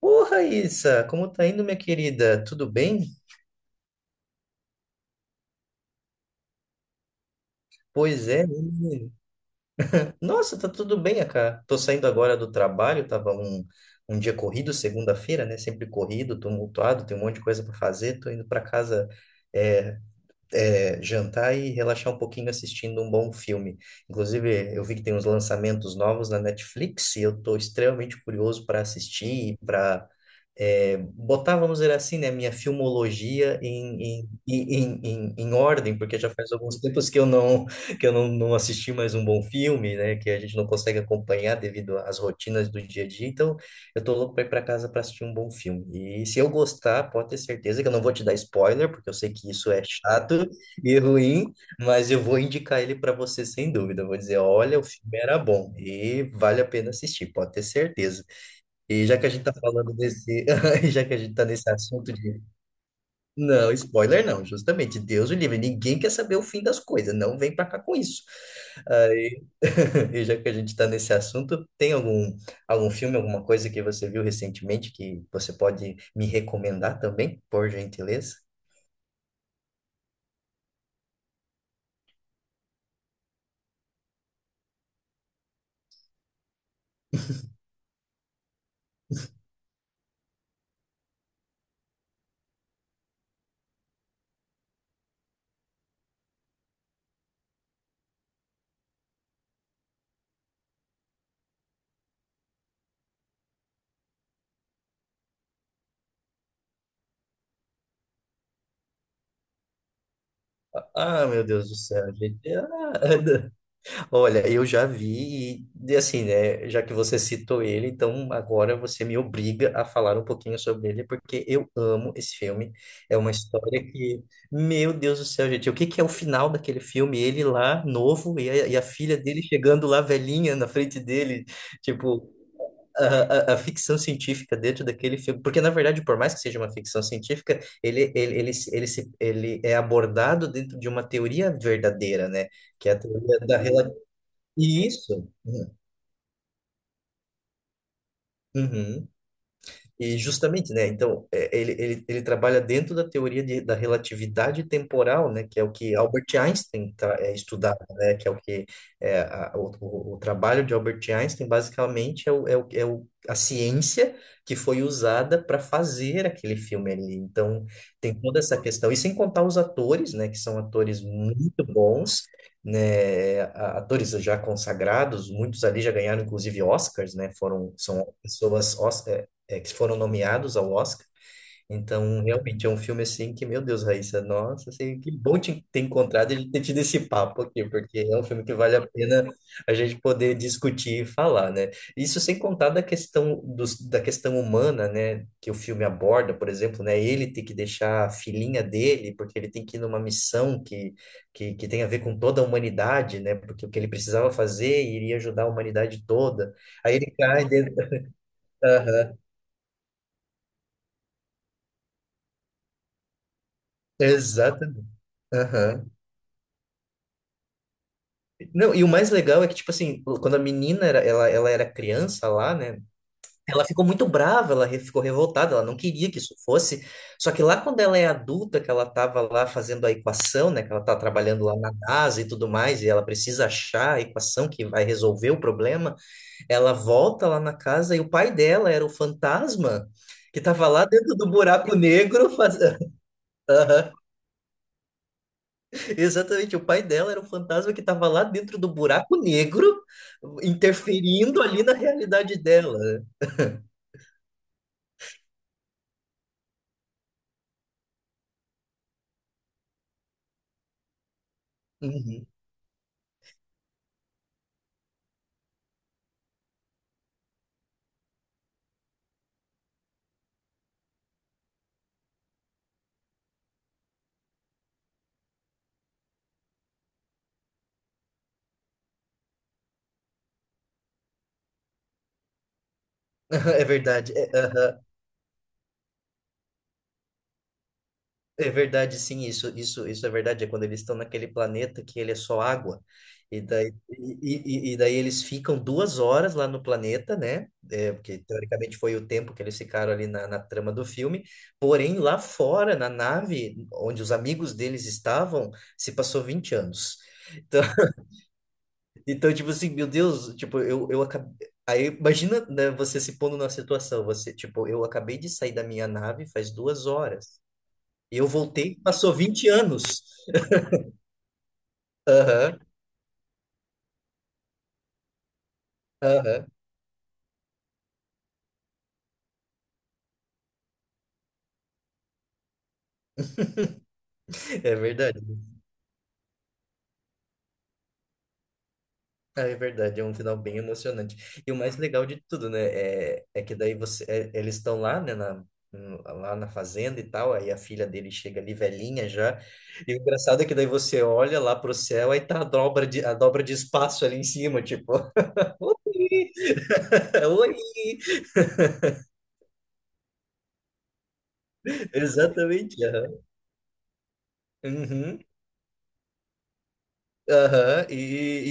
Ô, Raíssa, como tá indo, minha querida? Tudo bem? Pois é, menino. Nossa, tá tudo bem, né, cara. Tô saindo agora do trabalho, tava um dia corrido, segunda-feira, né? Sempre corrido, tumultuado, tem um monte de coisa para fazer. Tô indo para casa é, jantar e relaxar um pouquinho assistindo um bom filme. Inclusive, eu vi que tem uns lançamentos novos na Netflix e eu tô extremamente curioso para assistir e para botar, vamos dizer assim, né, minha filmologia em ordem, porque já faz alguns tempos que eu não assisti mais um bom filme, né, que a gente não consegue acompanhar devido às rotinas do dia a dia. Então, eu tô louco para ir para casa para assistir um bom filme. E se eu gostar, pode ter certeza que eu não vou te dar spoiler, porque eu sei que isso é chato e ruim, mas eu vou indicar ele para você sem dúvida. Eu vou dizer, olha, o filme era bom e vale a pena assistir, pode ter certeza. E já que a gente tá falando desse, já que a gente tá nesse assunto de, não, spoiler não, justamente, Deus o livre, ninguém quer saber o fim das coisas, não vem pra cá com isso. Aí, e já que a gente tá nesse assunto, tem algum filme, alguma coisa que você viu recentemente que você pode me recomendar também, por gentileza? Ah, meu Deus do céu, gente. Ah, olha, eu já vi e assim, né, já que você citou ele, então agora você me obriga a falar um pouquinho sobre ele, porque eu amo esse filme. É uma história que, meu Deus do céu, gente, o que que é o final daquele filme? Ele lá, novo, e a filha dele chegando lá, velhinha, na frente dele, tipo... A, a ficção científica dentro daquele filme, porque na verdade, por mais que seja uma ficção científica, ele, se- ele, se- ele é abordado dentro de uma teoria verdadeira, né? Que é a teoria da isso. É. Uhum. E justamente, né? Então, é, ele trabalha dentro da teoria de, da relatividade temporal, né? Que é o que Albert Einstein tra, é, estudava, né? Que é o que o trabalho de Albert Einstein, basicamente, a ciência que foi usada para fazer aquele filme ali. Então, tem toda essa questão. E sem contar os atores, né? Que são atores muito bons, né? A- atores já consagrados, muitos ali já ganharam, inclusive, Oscars, né? Foram, são pessoas que foram nomeados ao Oscar. Então, realmente é um filme assim que, meu Deus, Raíssa, nossa, assim, que bom te ter encontrado e ter tido esse papo aqui, porque é um filme que vale a pena a gente poder discutir e falar, né? Isso sem contar da questão dos, da questão humana, né, que o filme aborda, por exemplo, né, ele tem que deixar a filhinha dele, porque ele tem que ir numa missão que, que tem a ver com toda a humanidade, né? Porque o que ele precisava fazer iria ajudar a humanidade toda. Aí ele cai dentro. Aham, exatamente. Aham. Não, e o mais legal é que, tipo assim, quando a menina era, ela era criança lá, né? Ela ficou muito brava, ela re- ficou revoltada, ela não queria que isso fosse. Só que lá quando ela é adulta, que ela tava lá fazendo a equação, né? Que ela tá trabalhando lá na NASA e tudo mais, e ela precisa achar a equação que vai resolver o problema, ela volta lá na casa e o pai dela era o fantasma que tava lá dentro do buraco negro fazendo. Exatamente, o pai dela era um fantasma que estava lá dentro do buraco negro, interferindo ali na realidade dela. Uhum. É verdade, é, aham. É verdade, sim, isso é verdade. É quando eles estão naquele planeta que ele é só água. E daí, e daí eles ficam duas horas lá no planeta, né? É, porque teoricamente foi o tempo que eles ficaram ali na, na trama do filme. Porém, lá fora, na nave, onde os amigos deles estavam, se passou 20 anos. Então, então, tipo assim, meu Deus, tipo, eu acabei. Aí, imagina, né, você se pondo na situação, você, tipo, eu acabei de sair da minha nave faz duas horas. E eu voltei, passou 20 anos. Aham, aham. É verdade. Ah, é verdade, é um final bem emocionante. E o mais legal de tudo, né, é que daí você, é- eles estão lá, né, na, no- lá na fazenda e tal, aí a filha dele chega ali velhinha já, e o engraçado é que daí você olha lá pro céu, aí tá a dobra de espaço ali em cima, tipo... Oi! Oi! Exatamente, aham. Uhum. Aham.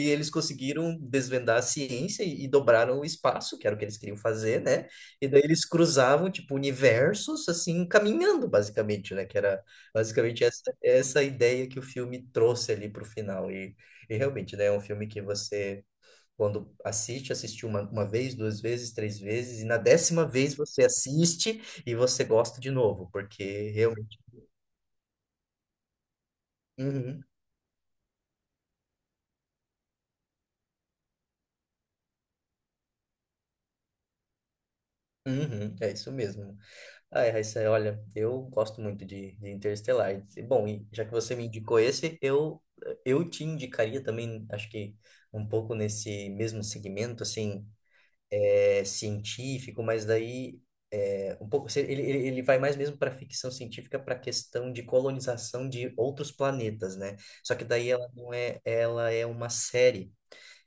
E eles conseguiram desvendar a ciência e dobraram o espaço, que era o que eles queriam fazer, né? E daí eles cruzavam, tipo, universos, assim, caminhando, basicamente, né? Que era basicamente essa, essa ideia que o filme trouxe ali pro final. E realmente, né? É um filme que você, quando assiste, assistiu uma vez, duas vezes, três vezes, e na décima vez você assiste e você gosta de novo, porque realmente uhum, uhum, é isso mesmo. Ai, Raíssa, olha, eu gosto muito de Interestelar. E, bom, e já que você me indicou esse, eu te indicaria também, acho que um pouco nesse mesmo segmento, assim, é, científico, mas daí um pouco, se- ele vai mais mesmo para ficção científica, para a questão de colonização de outros planetas, né? Só que daí ela não é, ela é uma série.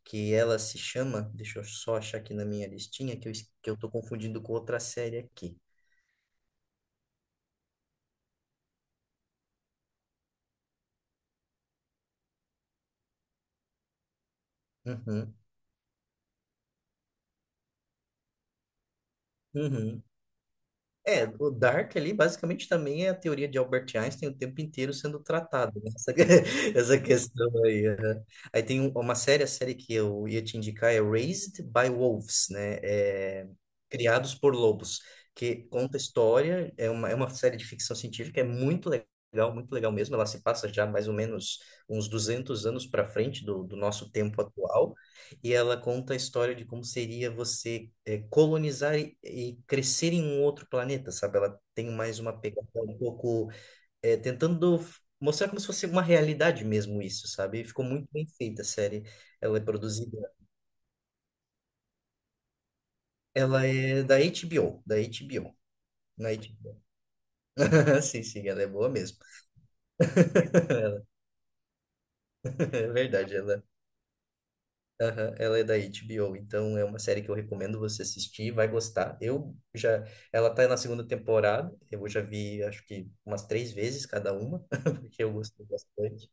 Que ela se chama, deixa eu só achar aqui na minha listinha, que eu, es- que eu tô confundindo com outra série aqui. Uhum, uhum. É, o Dark ali basicamente também é a teoria de Albert Einstein o tempo inteiro sendo tratada, né? Essa, essa questão aí. Aham. Aí tem um- uma série, a série que eu ia te indicar é Raised by Wolves, né? É, Criados por Lobos, que conta a história, é uma série de ficção científica, é muito legal mesmo. Ela se passa já mais ou menos uns 200 anos para frente do, do nosso tempo atual, e ela conta a história de como seria você colonizar e crescer em um outro planeta, sabe? Ela tem mais uma pegada um pouco tentando f- mostrar como se fosse uma realidade mesmo isso, sabe? Ficou muito bem feita a série. Ela é produzida, ela é da HBO, da HBO, na HBO. Sim, sim, ela é boa mesmo. É verdade, ela aham, ela é da HBO, então é uma série que eu recomendo você assistir, vai gostar. Eu já, ela tá na segunda temporada, eu já vi acho que umas três vezes cada uma, porque eu gostei bastante.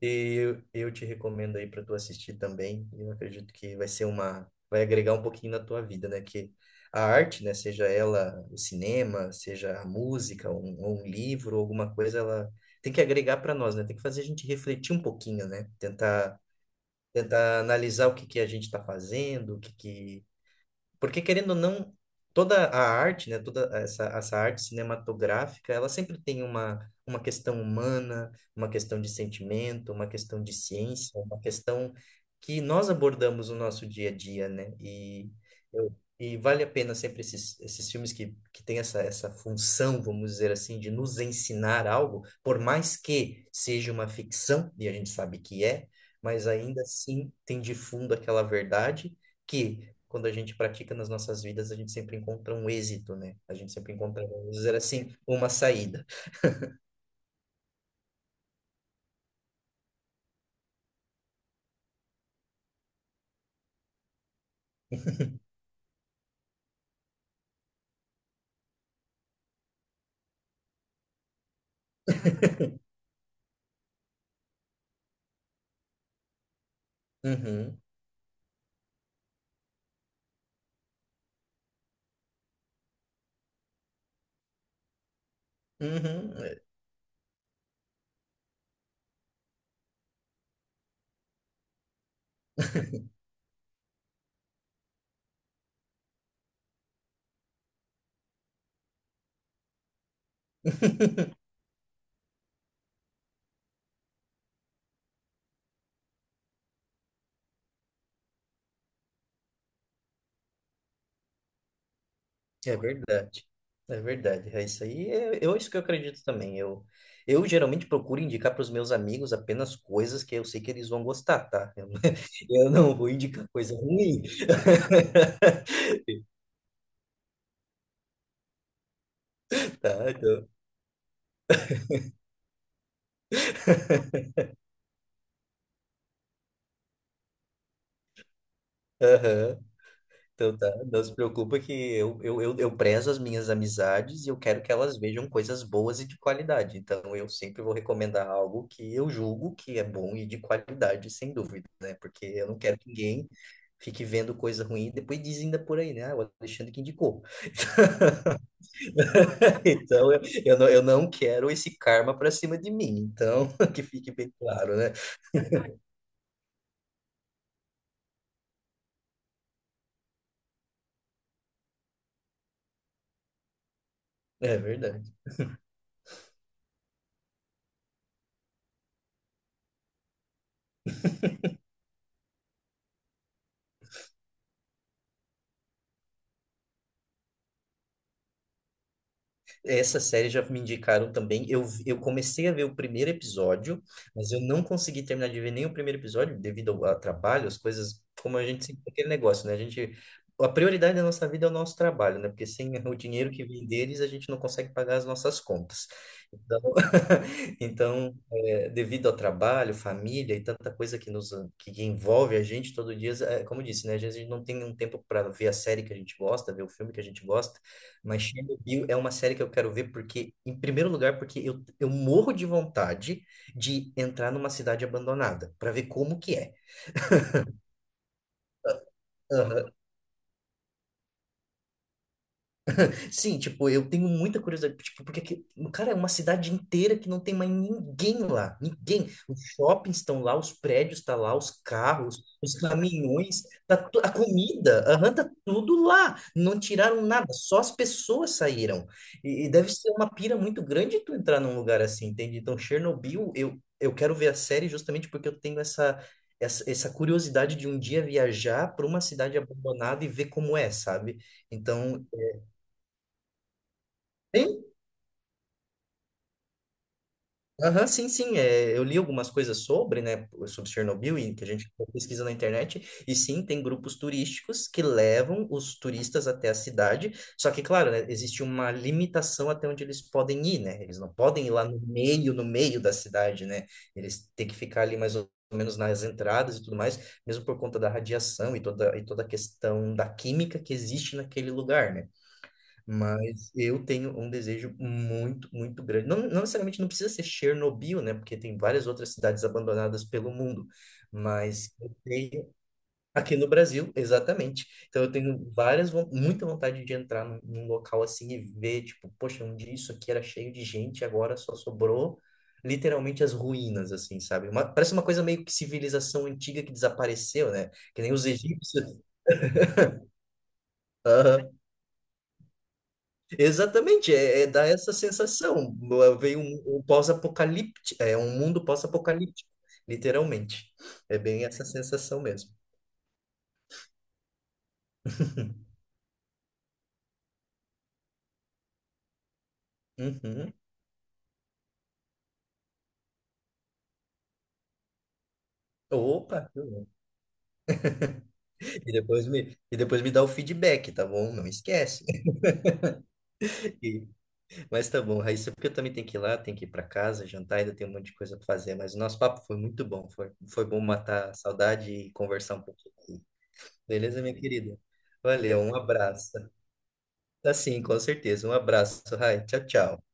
E eu te recomendo aí para tu assistir também. Eu acredito que vai ser uma, vai agregar um pouquinho na tua vida, né? Que a arte, né, seja ela o cinema, seja a música, um, ou um livro, alguma coisa, ela tem que agregar para nós, né? Tem que fazer a gente refletir um pouquinho, né? Tentar analisar o que que a gente está fazendo, o que que porque, querendo ou não, toda a arte, né, toda essa, essa arte cinematográfica, ela sempre tem uma questão humana, uma questão de sentimento, uma questão de ciência, uma questão que nós abordamos no nosso dia a dia, né? E, eu, e vale a pena sempre esses, esses filmes que têm essa, essa função, vamos dizer assim, de nos ensinar algo, por mais que seja uma ficção, e a gente sabe que é, mas ainda assim tem de fundo aquela verdade que quando a gente pratica nas nossas vidas, a gente sempre encontra um êxito, né? A gente sempre encontra, vamos dizer assim, uma saída. Uhum, uhum, é. É verdade. É verdade. É isso aí. É, eu, isso que eu acredito também. Eu geralmente procuro indicar para os meus amigos apenas coisas que eu sei que eles vão gostar, tá? Eu, não- eu não vou indicar coisa ruim. Tá, então. Aham. Então tá, não se preocupa que eu prezo as minhas amizades e eu quero que elas vejam coisas boas e de qualidade. Então eu sempre vou recomendar algo que eu julgo que é bom e de qualidade, sem dúvida, né? Porque eu não quero que ninguém fique vendo coisa ruim e depois diz ainda por aí, né? Ah, o Alexandre que indicou. Então eu, eu não quero esse karma pra cima de mim. Então, que fique bem claro, né? É verdade. Essa série já me indicaram também. Eu comecei a ver o primeiro episódio, mas eu não consegui terminar de ver nem o primeiro episódio devido ao trabalho, as coisas, como a gente sempre aquele negócio, né? A gente, a prioridade da nossa vida é o nosso trabalho, né? Porque sem o dinheiro que vem deles, a gente não consegue pagar as nossas contas. Então, então é, devido ao trabalho, família e tanta coisa que nos que envolve a gente todo dia, é, como eu disse, né? Às vezes a gente não tem um tempo para ver a série que a gente gosta, ver o filme que a gente gosta. Mas Chernobyl é uma série que eu quero ver porque, em primeiro lugar, porque eu morro de vontade de entrar numa cidade abandonada para ver como que é. Sim, tipo, eu tenho muita curiosidade, tipo, porque aqui, cara, é uma cidade inteira que não tem mais ninguém lá, ninguém. Os shoppings estão lá, os prédios estão lá, os carros, os caminhões, tá tu- a comida, aham, tá tudo lá. Não tiraram nada, só as pessoas saíram. E deve ser uma pira muito grande tu entrar num lugar assim, entende? Então, Chernobyl, eu quero ver a série justamente porque eu tenho essa, essa curiosidade de um dia viajar para uma cidade abandonada e ver como é, sabe? Então, aham, sim, sim. É, eu li algumas coisas sobre, né, sobre Chernobyl e que a gente pesquisa na internet. E sim, tem grupos turísticos que levam os turistas até a cidade. Só que, claro, né, existe uma limitação até onde eles podem ir, né? Eles não podem ir lá no meio, no meio da cidade, né? Eles têm que ficar ali mais ou menos nas entradas e tudo mais, mesmo por conta da radiação e toda a questão da química que existe naquele lugar, né? Mas eu tenho um desejo muito, muito grande. Não, não necessariamente não precisa ser Chernobyl, né? Porque tem várias outras cidades abandonadas pelo mundo. Mas eu tenho aqui no Brasil, exatamente. Então eu tenho várias, von- muita vontade de entrar num, num local assim e ver, tipo, poxa, um dia isso aqui era cheio de gente, agora só sobrou literalmente as ruínas, assim, sabe? Uma- parece uma coisa meio que civilização antiga que desapareceu, né? Que nem os egípcios. Exatamente, é, é dar essa sensação. Veio um, um pós-apocalíptico, é um mundo pós-apocalíptico, literalmente. É bem essa sensação mesmo. Uhum. Opa, que bom. E depois me dá o feedback, tá bom? Não esquece. E- Mas tá bom, Raíssa, é porque eu também tenho que ir lá, tenho que ir para casa, jantar, ainda tem um monte de coisa para fazer, mas o nosso papo foi muito bom, foi bom matar a saudade e conversar um pouquinho. Beleza, minha querida? Valeu, um abraço. Tá sim, com certeza. Um abraço, Rai. Tchau, tchau.